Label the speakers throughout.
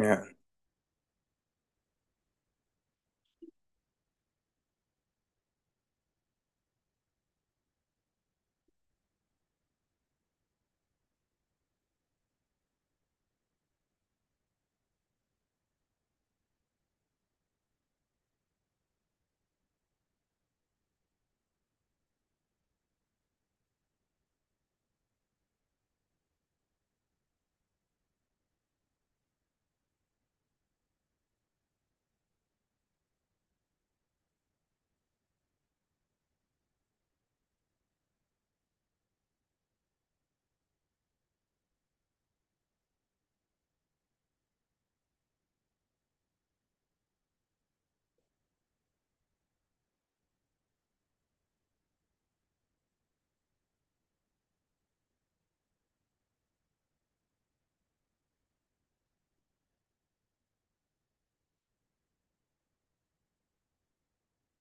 Speaker 1: يعني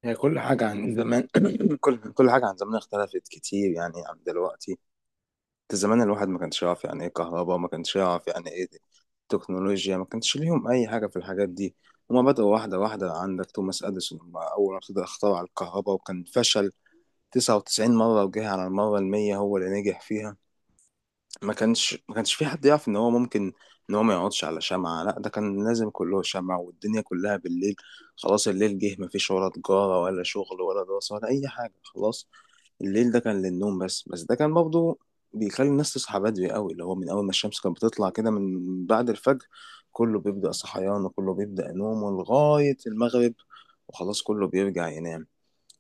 Speaker 1: هي كل حاجة عن زمان. كل حاجة عن زمان اختلفت كتير يعني عن دلوقتي. انت زمان الواحد ما كانش يعرف يعني ايه كهرباء، ما كانش يعرف يعني ايه تكنولوجيا، ما كانش ليهم أي حاجة في الحاجات دي. هما بدأوا واحدة واحدة. عندك توماس أديسون، هما أول ما ابتدى اخترع الكهرباء وكان فشل 99 مرة، وجه على المرة المية هو اللي نجح فيها. ما كانش في حد يعرف ان هو ممكن ان هو ما يقعدش على شمعة. لا ده كان لازم كله شمعة، والدنيا كلها بالليل خلاص. الليل جه ما فيش ولا تجارة ولا شغل ولا دراسة ولا اي حاجة خلاص. الليل ده كان للنوم بس. بس ده كان برضه بيخلي الناس تصحى بدري قوي، اللي هو من اول ما الشمس كانت بتطلع كده من بعد الفجر كله بيبدأ صحيان، وكله بيبدأ نوم لغاية المغرب وخلاص كله بيرجع ينام.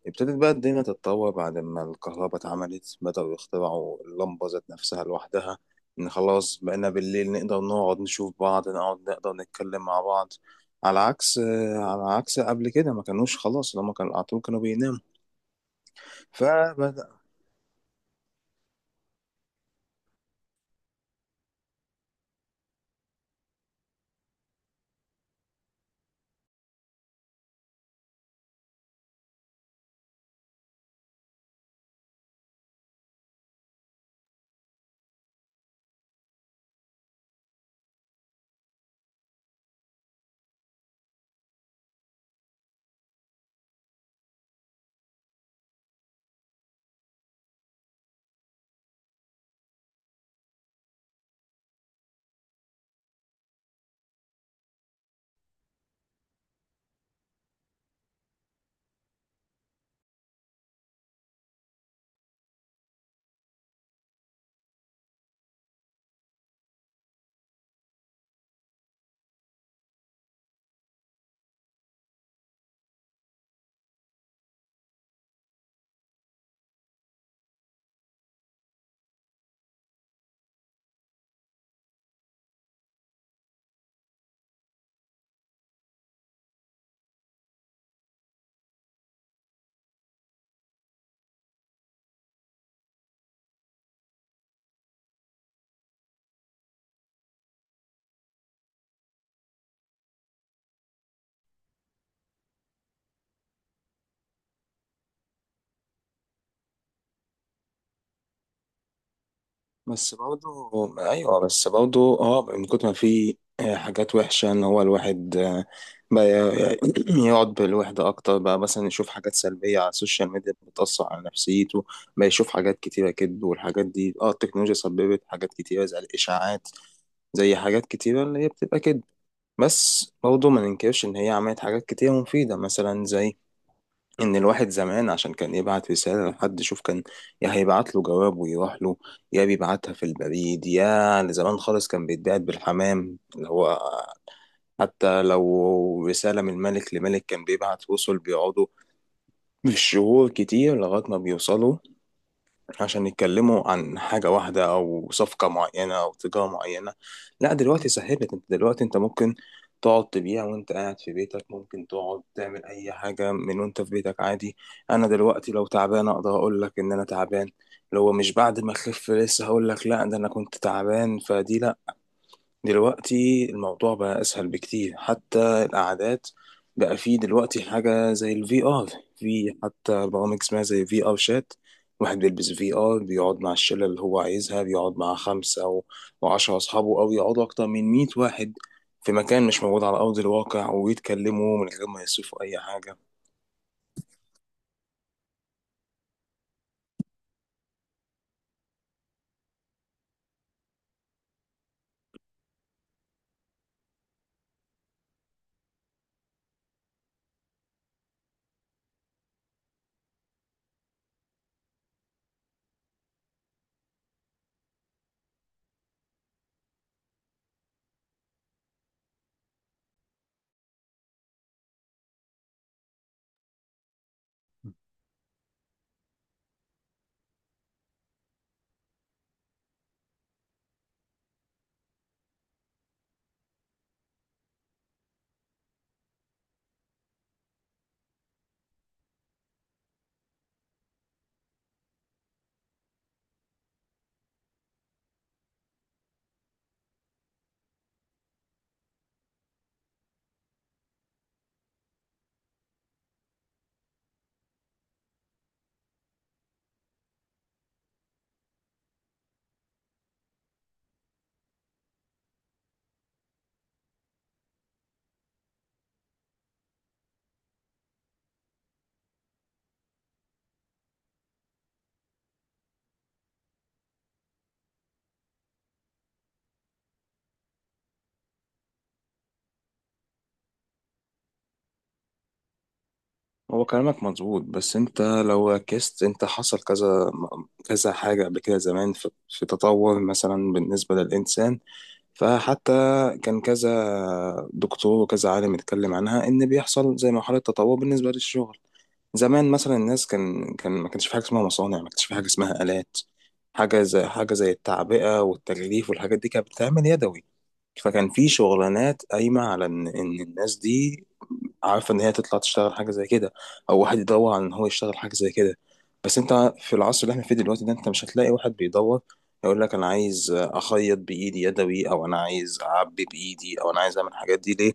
Speaker 1: ابتدت بقى الدنيا تتطور بعد ما الكهرباء اتعملت، بدأوا يخترعوا اللمبة ذات نفسها لوحدها. إن خلاص بقينا بالليل نقدر نقعد نشوف بعض، نقعد نقدر نتكلم مع بعض، على عكس قبل كده، ما كانوش خلاص لما كان على طول كانوا بيناموا فبدأ. بس برضه. ايوه، بس برضه اه من كتر ما في حاجات وحشه، ان هو الواحد بقى يقعد بالوحده اكتر، بقى مثلا يشوف حاجات سلبيه على السوشيال ميديا بتاثر على نفسيته، بقى يشوف حاجات كتيره كده. والحاجات دي اه التكنولوجيا سببت حاجات كتيره زي الاشاعات، زي حاجات كتيره اللي هي بتبقى كده. بس برضه ما ننكرش ان هي عملت حاجات كتيره مفيده، مثلا زي ان الواحد زمان عشان كان يبعت رسالة لحد شوف كان يا هيبعت له جواب ويروح له، يا بيبعتها في البريد، يا زمان خالص كان بيتبعت بالحمام. اللي هو حتى لو رسالة من ملك لملك كان بيبعت وصل بيقعدوا بالشهور كتير لغاية ما بيوصلوا، عشان يتكلموا عن حاجة واحدة أو صفقة معينة أو تجارة معينة. لا دلوقتي سهلت، انت دلوقتي انت ممكن تقعد تبيع وانت قاعد في بيتك، ممكن تقعد تعمل أي حاجة من وانت في بيتك عادي. أنا دلوقتي لو تعبان أقدر أقول لك إن أنا تعبان، لو مش بعد ما أخف لسه هقول لك لا ده أنا كنت تعبان فدي لا. دلوقتي الموضوع بقى أسهل بكتير. حتى القعدات بقى فيه دلوقتي حاجة زي الفي ار، في حتى برامج اسمها زي في ار شات. واحد بيلبس في ار بيقعد مع الشلة اللي هو عايزها، بيقعد مع خمسة أو عشرة أصحابه، أو يقعدوا أكتر من مية واحد في مكان مش موجود على أرض الواقع ويتكلموا من غير ما يصرفوا أي حاجة. هو كلامك مظبوط، بس انت لو ركزت انت حصل كذا كذا حاجة قبل كده زمان. في تطور مثلا بالنسبة للإنسان، فحتى كذا دكتور وكذا عالم اتكلم عنها ان بيحصل زي مرحلة تطور بالنسبة للشغل. زمان مثلا الناس كان ما كانش في حاجة اسمها مصانع، ما كانش في حاجة اسمها آلات. حاجة زي التعبئة والتغليف والحاجات دي كانت بتتعمل يدوي، فكان في شغلانات قايمة على إن الناس دي عارفة إن هي تطلع تشتغل حاجة زي كده، أو واحد يدور على إن هو يشتغل حاجة زي كده. بس أنت في العصر اللي إحنا فيه دلوقتي ده أنت مش هتلاقي واحد بيدور يقول لك أنا عايز أخيط بإيدي يدوي، أو أنا عايز أعبي بإيدي، أو أنا عايز أعمل الحاجات دي. ليه؟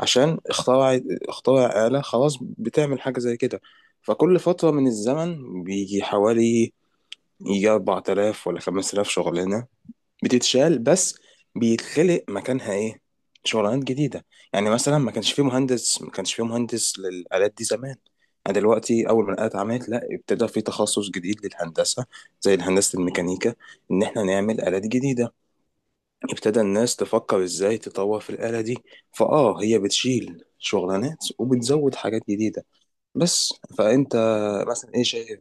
Speaker 1: عشان اخترع، آلة خلاص بتعمل حاجة زي كده. فكل فترة من الزمن بيجي حوالي يجي 4000 ولا 5000 شغلانة بتتشال، بس بيتخلق مكانها ايه؟ شغلانات جديدة. يعني مثلا ما كانش فيه مهندس للآلات دي زمان. يعني دلوقتي أول ما الآلات عملت لا ابتدى في تخصص جديد للهندسة زي هندسة الميكانيكا، إن إحنا نعمل آلات جديدة. ابتدى الناس تفكر إزاي تطور في الآلة دي. فآه هي بتشيل شغلانات وبتزود حاجات جديدة بس. فأنت مثلا إيه شايف؟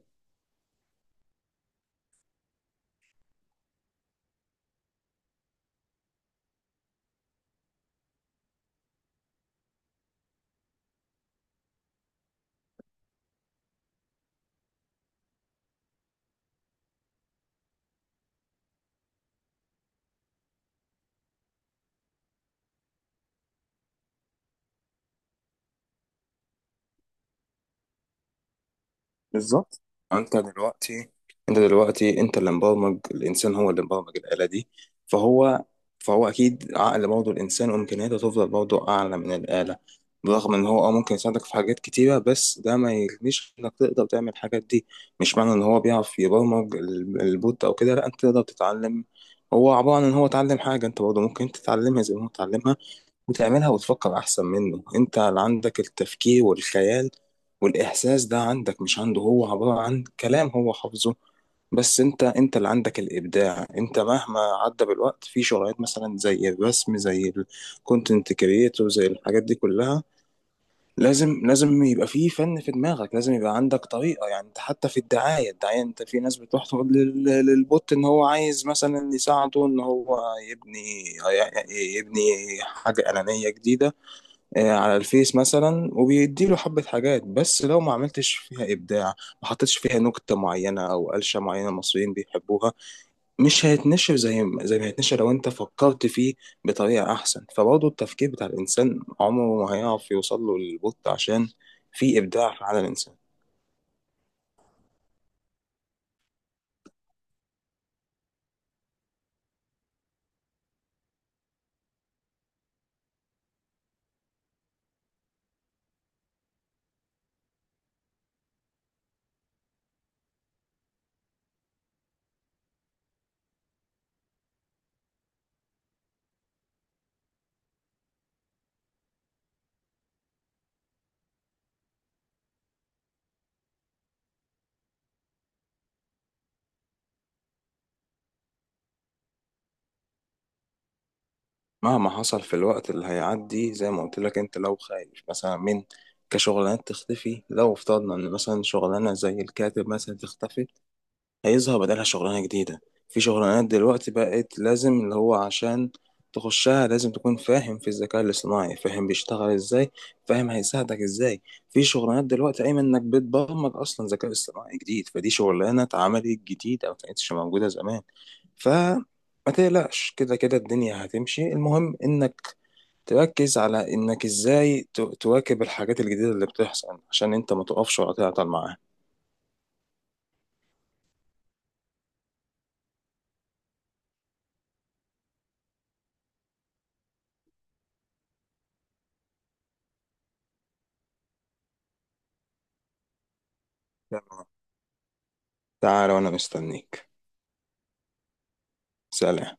Speaker 1: بالظبط. انت دلوقتي انت دلوقتي انت اللي مبرمج. الانسان هو اللي مبرمج الآلة دي. فهو فهو اكيد عقل برضه الانسان وامكانياته تفضل برضه اعلى من الآلة. برغم ان هو اه ممكن يساعدك في حاجات كتيرة، بس ده ما يغنيش انك تقدر تعمل الحاجات دي. مش معنى ان هو بيعرف يبرمج البوت او كده لا، انت تقدر تتعلم. هو عبارة عن ان هو اتعلم حاجة، انت برضه ممكن تتعلمها زي ما هو اتعلمها وتعملها وتفكر احسن منه. انت اللي عندك التفكير والخيال والاحساس، ده عندك مش عنده. هو عبارة عن كلام، هو حافظه بس. انت انت اللي عندك الابداع. انت مهما عدى بالوقت في شغلات مثلا زي الرسم، زي الكونتنت كريتور، زي الحاجات دي كلها، لازم لازم يبقى في فن في دماغك، لازم يبقى عندك طريقة. يعني انت حتى في الدعاية، انت في ناس بتروح تقول للبوت ان هو عايز مثلا يساعده ان هو يبني يبني حاجة إعلانية جديدة على الفيس مثلا، وبيديله حبة حاجات، بس لو ما عملتش فيها إبداع، ما حطيتش فيها نكتة معينة أو قلشة معينة المصريين بيحبوها، مش هيتنشر زي ما هيتنشر لو أنت فكرت فيه بطريقة أحسن. فبرضه التفكير بتاع الإنسان عمره ما هيعرف يوصل له للبوت، عشان في إبداع في عالم الإنسان. مهما حصل في الوقت اللي هيعدي زي ما قلت لك، أنت لو خايف مثلا من كشغلانات تختفي، لو افترضنا ان مثلا شغلانه زي الكاتب مثلا تختفي، هيظهر بدلها شغلانة جديدة. في شغلانات دلوقتي بقت لازم اللي هو عشان تخشها لازم تكون فاهم في الذكاء الاصطناعي، فاهم بيشتغل ازاي، فاهم هيساعدك ازاي. في شغلانات دلوقتي قايمة انك بتبرمج اصلا ذكاء اصطناعي جديد، فدي شغلانة اتعملت جديد او كانتش موجودة زمان. فما تقلقش، كده كده الدنيا هتمشي. المهم انك تركز على انك ازاي تواكب الحاجات الجديدة اللي بتحصل، عشان انت ما تقفش ولا تعطل معاها. تمام. تعال وانا مستنيك. سلام